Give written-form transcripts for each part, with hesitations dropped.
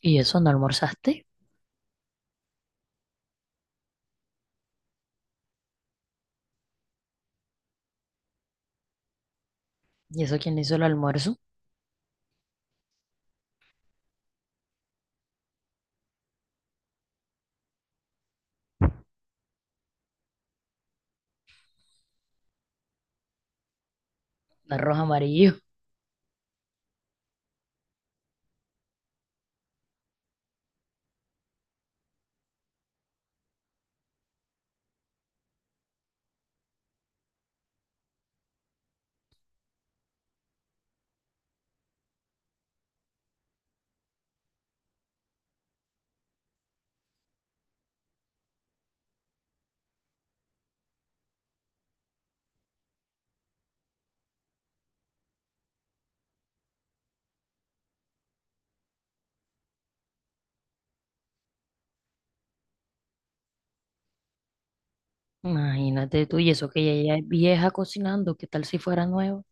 ¿Y eso no almorzaste? ¿Y eso quién le hizo el almuerzo? Arroz amarillo. Imagínate tú, y eso que ella ya es vieja cocinando, ¿qué tal si fuera nuevo?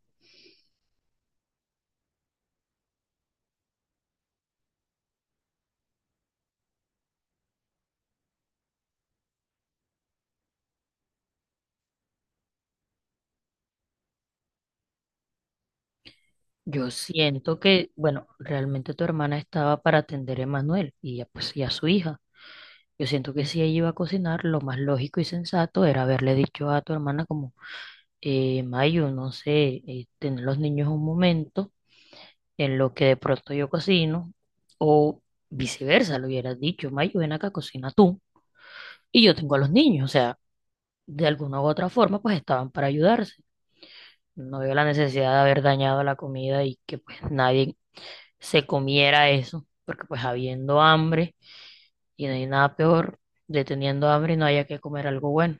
Yo siento que, bueno, realmente tu hermana estaba para atender a Emanuel y ya, pues y a su hija. Yo siento que si ella iba a cocinar, lo más lógico y sensato era haberle dicho a tu hermana como, Mayo, no sé, tener los niños un momento en lo que de pronto yo cocino, o viceversa, lo hubieras dicho, Mayo, ven acá, cocina tú y yo tengo a los niños, o sea. De alguna u otra forma, pues estaban para ayudarse. No veo la necesidad de haber dañado la comida y que pues nadie se comiera eso, porque pues habiendo hambre y no hay nada peor de teniendo hambre y no haya que comer algo bueno.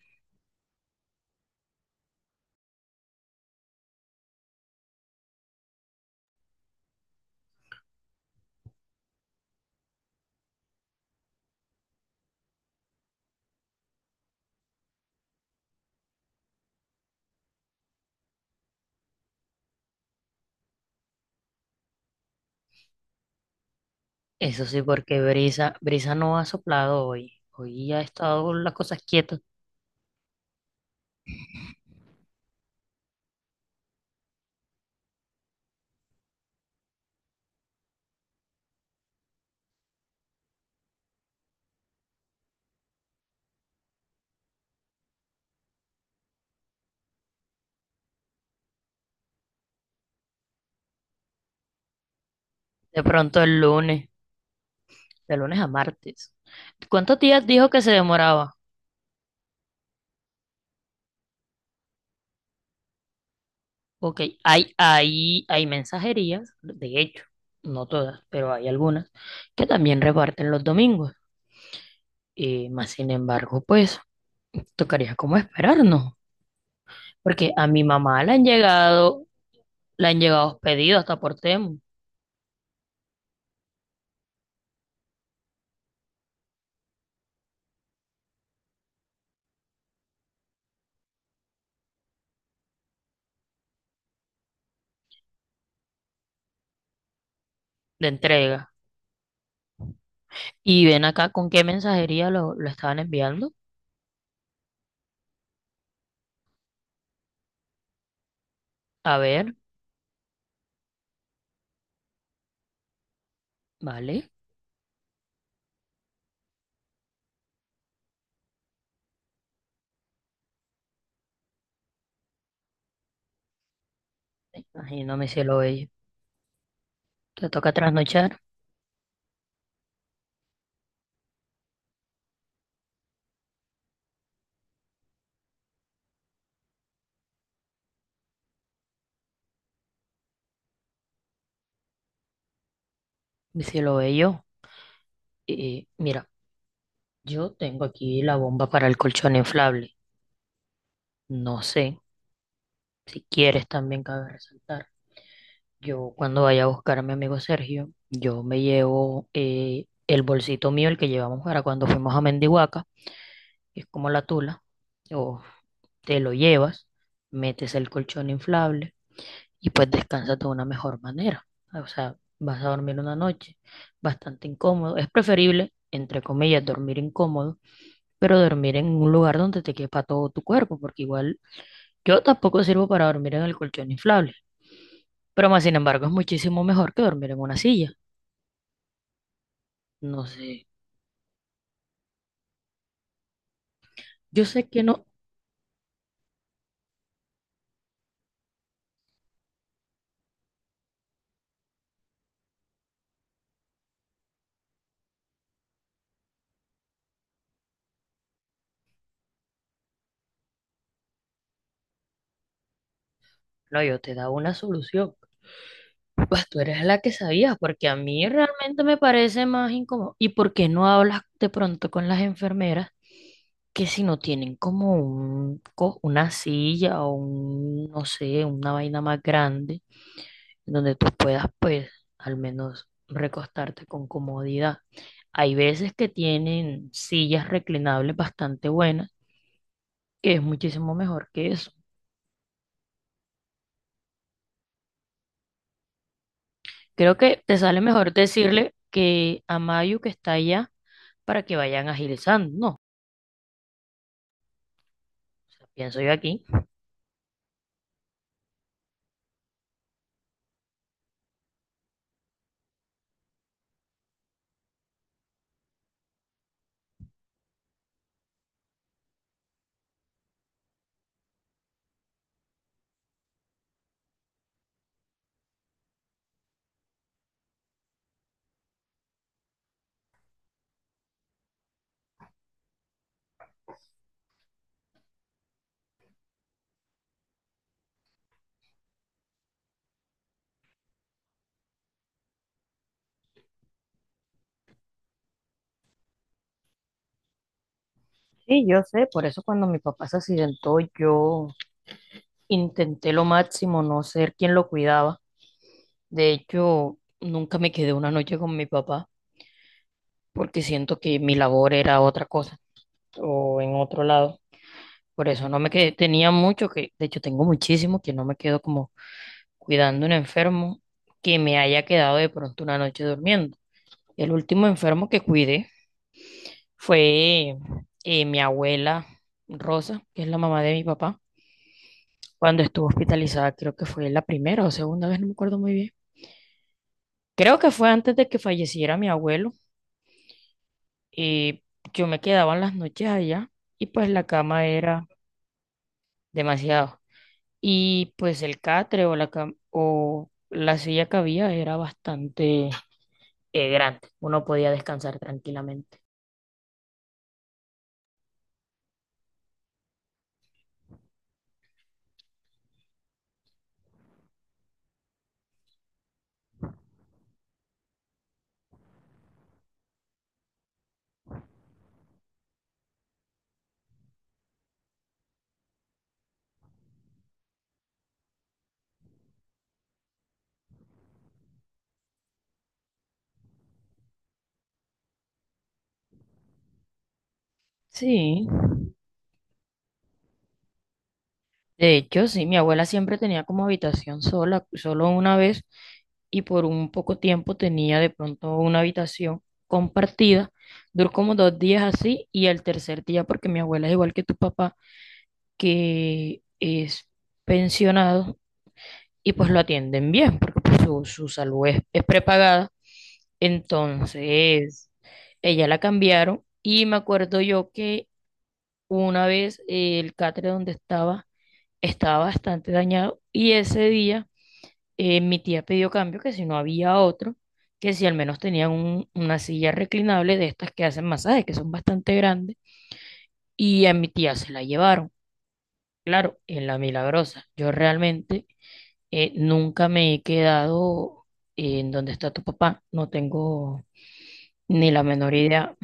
Eso sí, porque Brisa, Brisa no ha soplado hoy. Hoy ha estado las cosas quietas. De pronto el lunes, de lunes a martes. ¿Cuántos días dijo que se demoraba? Ok, hay mensajerías, de hecho, no todas, pero hay algunas que también reparten los domingos. Más sin embargo, pues tocaría como esperarnos, porque a mi mamá le han llegado pedidos hasta por Temu de entrega. Y ven acá con qué mensajería lo estaban enviando. A ver, vale, imagino mi cielo bello. Te toca trasnochar, mi cielo bello. Mira, yo tengo aquí la bomba para el colchón inflable. No sé. Si quieres, también cabe resaltar, yo cuando vaya a buscar a mi amigo Sergio, yo me llevo el bolsito mío, el que llevamos para cuando fuimos a Mendihuaca, que es como la tula, o te lo llevas, metes el colchón inflable y pues descansas de una mejor manera. O sea, vas a dormir una noche bastante incómodo. Es preferible, entre comillas, dormir incómodo, pero dormir en un lugar donde te quepa todo tu cuerpo, porque igual yo tampoco sirvo para dormir en el colchón inflable. Pero más sin embargo, es muchísimo mejor que dormir en una silla. No sé. Yo sé que no. No, yo te daba una solución. Pues tú eres la que sabías, porque a mí realmente me parece más incómodo. ¿Y por qué no hablas de pronto con las enfermeras que si no tienen como un, co- una silla o un, no sé, una vaina más grande, donde tú puedas, pues, al menos recostarte con comodidad? Hay veces que tienen sillas reclinables bastante buenas, que es muchísimo mejor que eso. Creo que te sale mejor decirle que a Mayu que está allá para que vayan agilizando, ¿no? O sea, pienso yo aquí. Sí, yo sé, por eso cuando mi papá se accidentó, yo intenté lo máximo no ser quien lo cuidaba. De hecho, nunca me quedé una noche con mi papá porque siento que mi labor era otra cosa o en otro lado. Por eso no me quedé. Tenía mucho que, de hecho, tengo muchísimo que no me quedo como cuidando un enfermo que me haya quedado de pronto una noche durmiendo. El último enfermo que cuidé fue mi abuela Rosa, que es la mamá de mi papá, cuando estuvo hospitalizada, creo que fue la primera o segunda vez, no me acuerdo muy bien. Creo que fue antes de que falleciera mi abuelo. Y yo me quedaba en las noches allá y pues la cama era demasiado. Y pues el catre o la, cam- o la silla que había era bastante grande. Uno podía descansar tranquilamente. Sí, de hecho, sí, mi abuela siempre tenía como habitación sola, solo una vez, y por un poco tiempo tenía de pronto una habitación compartida. Duró como dos días así, y el tercer día, porque mi abuela es igual que tu papá, que es pensionado, y pues lo atienden bien, porque pues, su salud es prepagada. Entonces, ella la cambiaron, y me acuerdo yo que una vez el catre donde estaba, estaba bastante dañado y ese día mi tía pidió cambio, que si no había otro, que si al menos tenían un- una silla reclinable de estas que hacen masajes, que son bastante grandes, y a mi tía se la llevaron. Claro, en la Milagrosa. Yo realmente nunca me he quedado en donde está tu papá, no tengo ni la menor idea.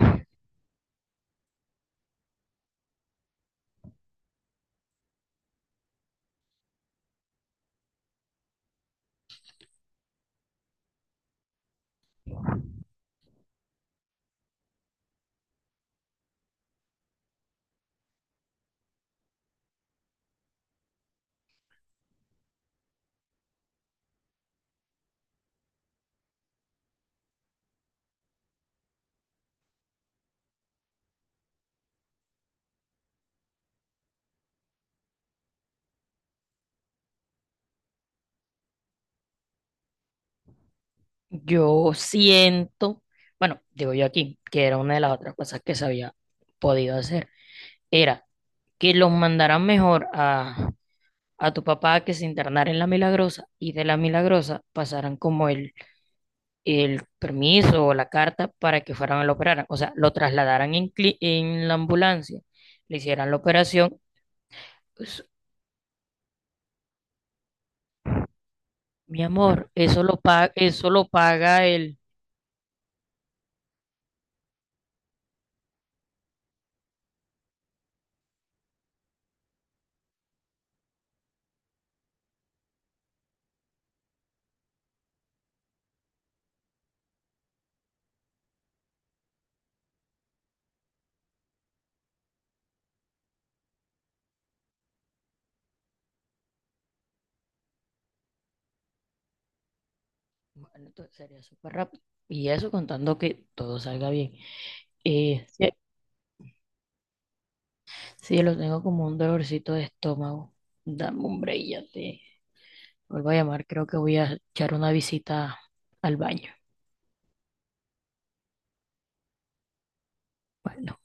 Yo siento, bueno, digo yo aquí, que era una de las otras cosas que se había podido hacer. Era que los mandaran mejor a tu papá a que se internara en la Milagrosa y de la Milagrosa pasaran como el permiso o la carta para que fueran a lo operaran. O sea, lo trasladaran en, cli- en la ambulancia, le hicieran la operación. Pues, mi amor, eso lo paga el... Bueno, entonces sería súper rápido. Y eso contando que todo salga bien. Sí, sí, lo tengo como un dolorcito de estómago. Dame un break, ya te... Vuelvo a llamar, creo que voy a echar una visita al baño. Bueno.